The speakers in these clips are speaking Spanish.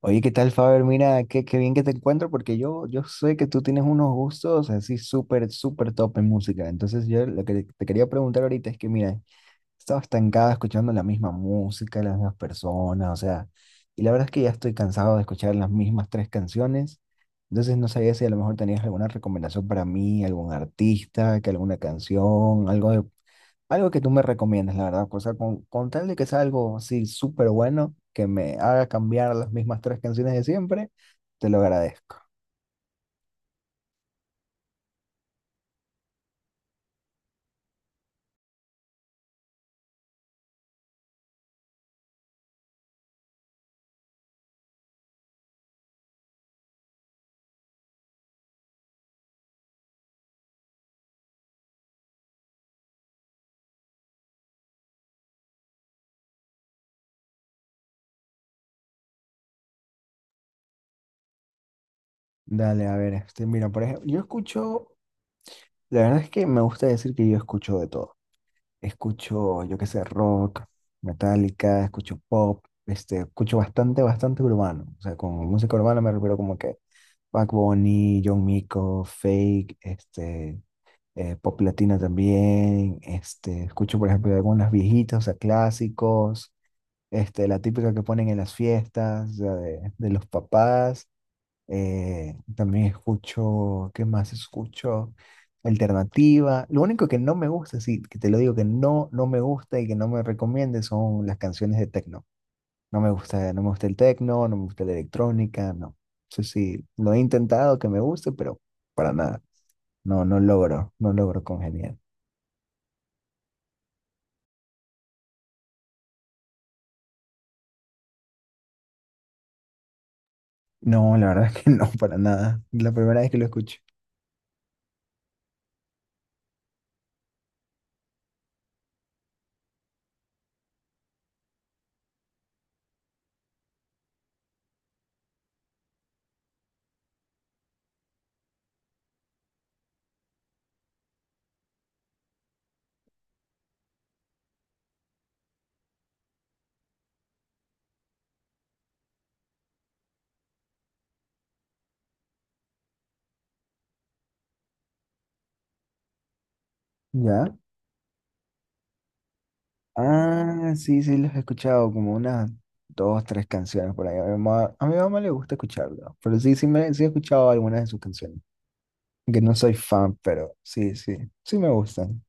Oye, ¿qué tal, Faber? Mira, qué bien que te encuentro porque yo sé que tú tienes unos gustos así súper top en música. Entonces, yo lo que te quería preguntar ahorita es que, mira, estaba estancada escuchando la misma música, las mismas personas, o sea, y la verdad es que ya estoy cansado de escuchar las mismas tres canciones, entonces no sabía si a lo mejor tenías alguna recomendación para mí, algún artista, que alguna canción, algo de, algo que tú me recomiendas, la verdad, o sea, con tal de que sea algo así súper bueno, que me haga cambiar las mismas tres canciones de siempre, te lo agradezco. Dale, a ver, este, mira, por ejemplo, yo escucho, la verdad es que me gusta decir que yo escucho de todo. Escucho, yo qué sé, rock, metálica, escucho pop, este, escucho bastante urbano. O sea, con música urbana me refiero como que Bad Bunny, John Mico, Fake, este, pop latina también. Este, escucho, por ejemplo, algunas viejitas, o sea, clásicos, este, la típica que ponen en las fiestas, o sea, de los papás. También escucho, ¿qué más escucho? Alternativa. Lo único que no me gusta, sí, que te lo digo que no, no me gusta y que no me recomiende son las canciones de techno. No me gusta, no me gusta el techno, no me gusta la electrónica, no. Eso sí, lo he intentado que me guste, pero para nada. No, no logro, no logro congeniar. No, la verdad es que no, para nada. La primera vez que lo escucho. ¿Ya? Ah, sí, sí, los he escuchado, como unas dos, tres canciones por ahí. A mi mamá le gusta escucharlo, pero sí, sí, me, sí he escuchado algunas de sus canciones. Que no soy fan, pero sí, sí, sí me gustan.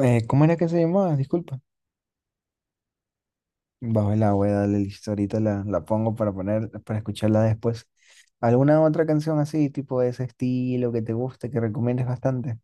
¿Cómo era que se llamaba? Disculpa. Bajo el agua, dale listo, ahorita la pongo para poner, para escucharla después. ¿Alguna otra canción así, tipo de ese estilo que te guste, que recomiendes bastante?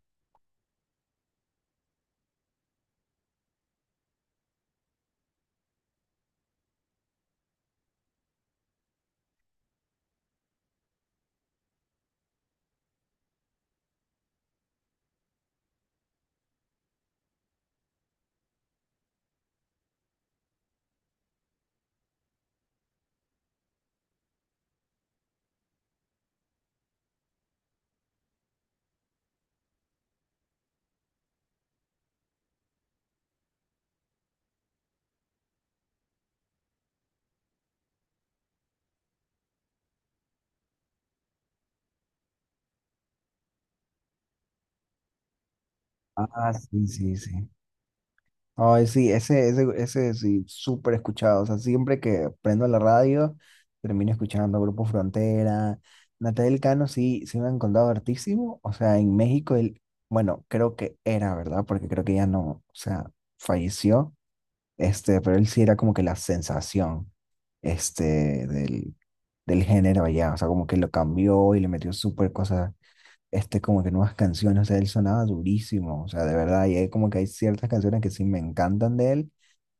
Ah, sí, sí, sí. Ay, sí, ese sí, súper escuchado. O sea, siempre que prendo la radio, termino escuchando Grupo Frontera. Natal Cano sí, sí me han contado hartísimo. O sea, en México, él, bueno, creo que era, ¿verdad? Porque creo que ya no, o sea, falleció. Este, pero él sí era como que la sensación, este, del, del género allá. O sea, como que lo cambió y le metió súper cosas este, como que nuevas canciones, o sea, él sonaba durísimo, o sea, de verdad, y hay como que hay ciertas canciones que sí me encantan de él,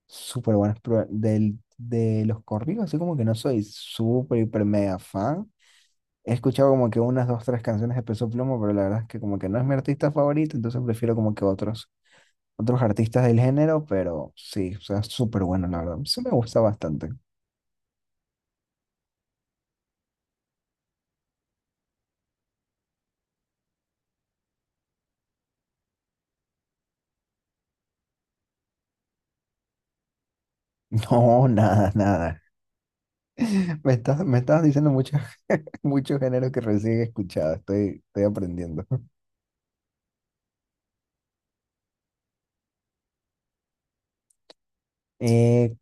súper buenas, pero del, de los corridos, así como que no soy súper, hiper, mega fan, he escuchado como que unas, dos, tres canciones de Peso Pluma, pero la verdad es que como que no es mi artista favorito, entonces prefiero como que otros, otros artistas del género, pero sí, o sea, súper bueno, la verdad, sí me gusta bastante. No, nada, nada. Me estás diciendo muchos muchos géneros que recién he escuchado, estoy, estoy aprendiendo. Eh,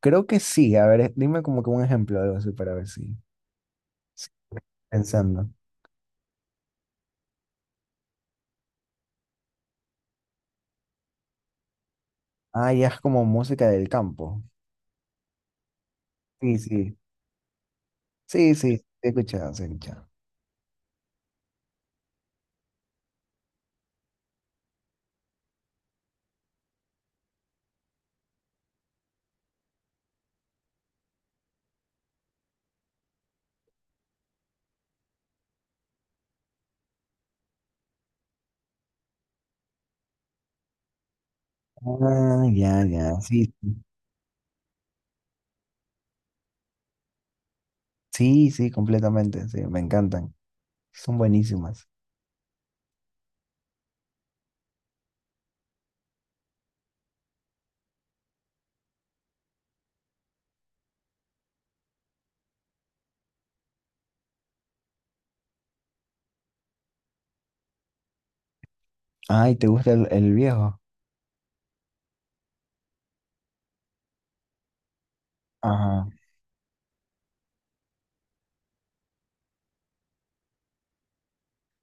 Creo que sí. A ver, dime como que un ejemplo, de algo así, para ver si. si- Pensando. Ah, ya es como música del campo. Sí, sí. Sí, sí. sí, He escuchado, sí, he escuchado. Ah, ya, ya. Sí, sí, sí, sí, completamente. Sí, me encantan. Son buenísimas. Ay, ¿te gusta el viejo? Ajá.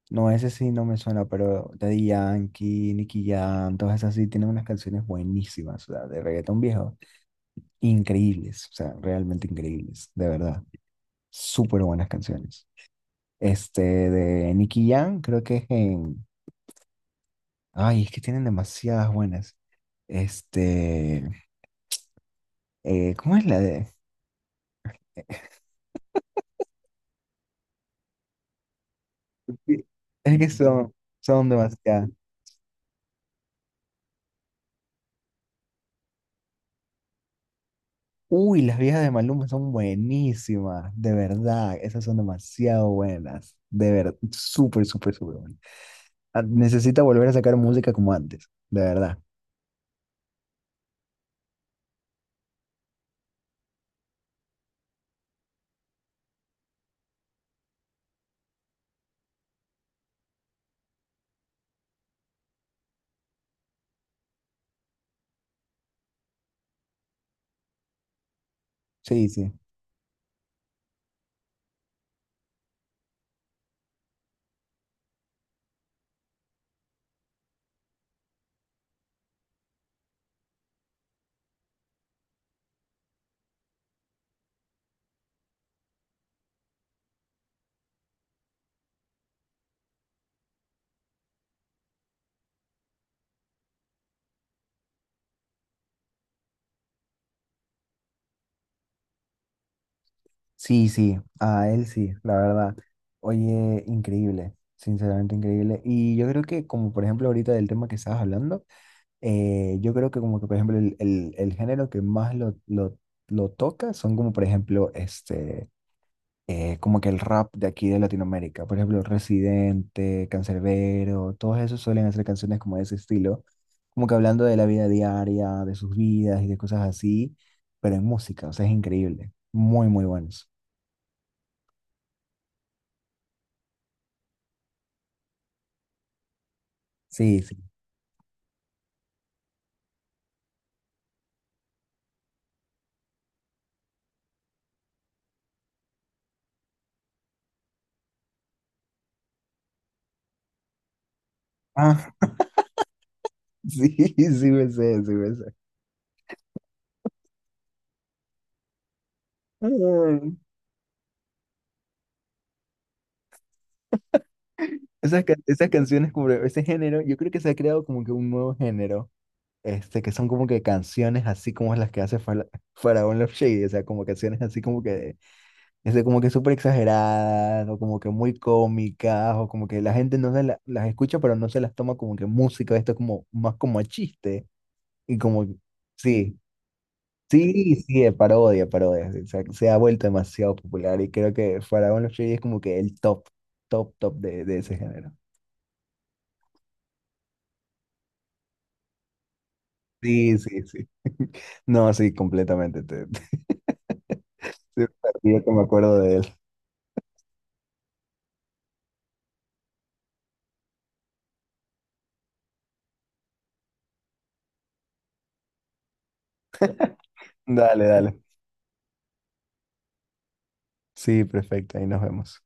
No, ese sí no me suena, pero Daddy Yankee, Nicky Jam, todas esas sí tienen unas canciones buenísimas, o sea, de reggaetón viejo. Increíbles, o sea, realmente increíbles, de verdad. Súper buenas canciones. Este, de Nicky Jam, creo que es en... Ay, es que tienen demasiadas buenas. Este, ¿cómo es la de...? Sí, es que son, son demasiadas. Uy, las viejas de Maluma son buenísimas, de verdad, esas son demasiado buenas, de verdad, súper, súper, súper buenas. Ah, necesita volver a sacar música como antes, de verdad. Sí, sí. Sí, sí, a él sí, la verdad. Oye, increíble, sinceramente increíble. Y yo creo que como por ejemplo ahorita del tema que estabas hablando, yo creo que como que por ejemplo el, el género que más lo toca son como por ejemplo este, como que el rap de aquí de Latinoamérica. Por ejemplo, Residente, Canserbero, todos esos suelen hacer canciones como de ese estilo, como que hablando de la vida diaria, de sus vidas y de cosas así, pero en música, o sea, es increíble. Muy, muy buenos. Sí, sí. Ah, sí, sí me sé, sí me sé. Ay, esas, esas canciones, como ese género, yo creo que se ha creado como que un nuevo género, este, que son como que canciones así como las que hace Faraón Love Shady, o sea, como canciones así como que, este, como que súper exageradas, o como que muy cómicas, o como que la gente no se las escucha, pero no se las toma como que música, esto es como más como a chiste, y como, sí. Sí, sí, es parodia, es parodia. O sea, se ha vuelto demasiado popular y creo que Faraón los Reyes es como que el top, top, top de ese género. Sí, sí, sí. No, sí, completamente. Te, te, perdí que me acuerdo de él. Dale, dale. Sí, perfecto, ahí nos vemos.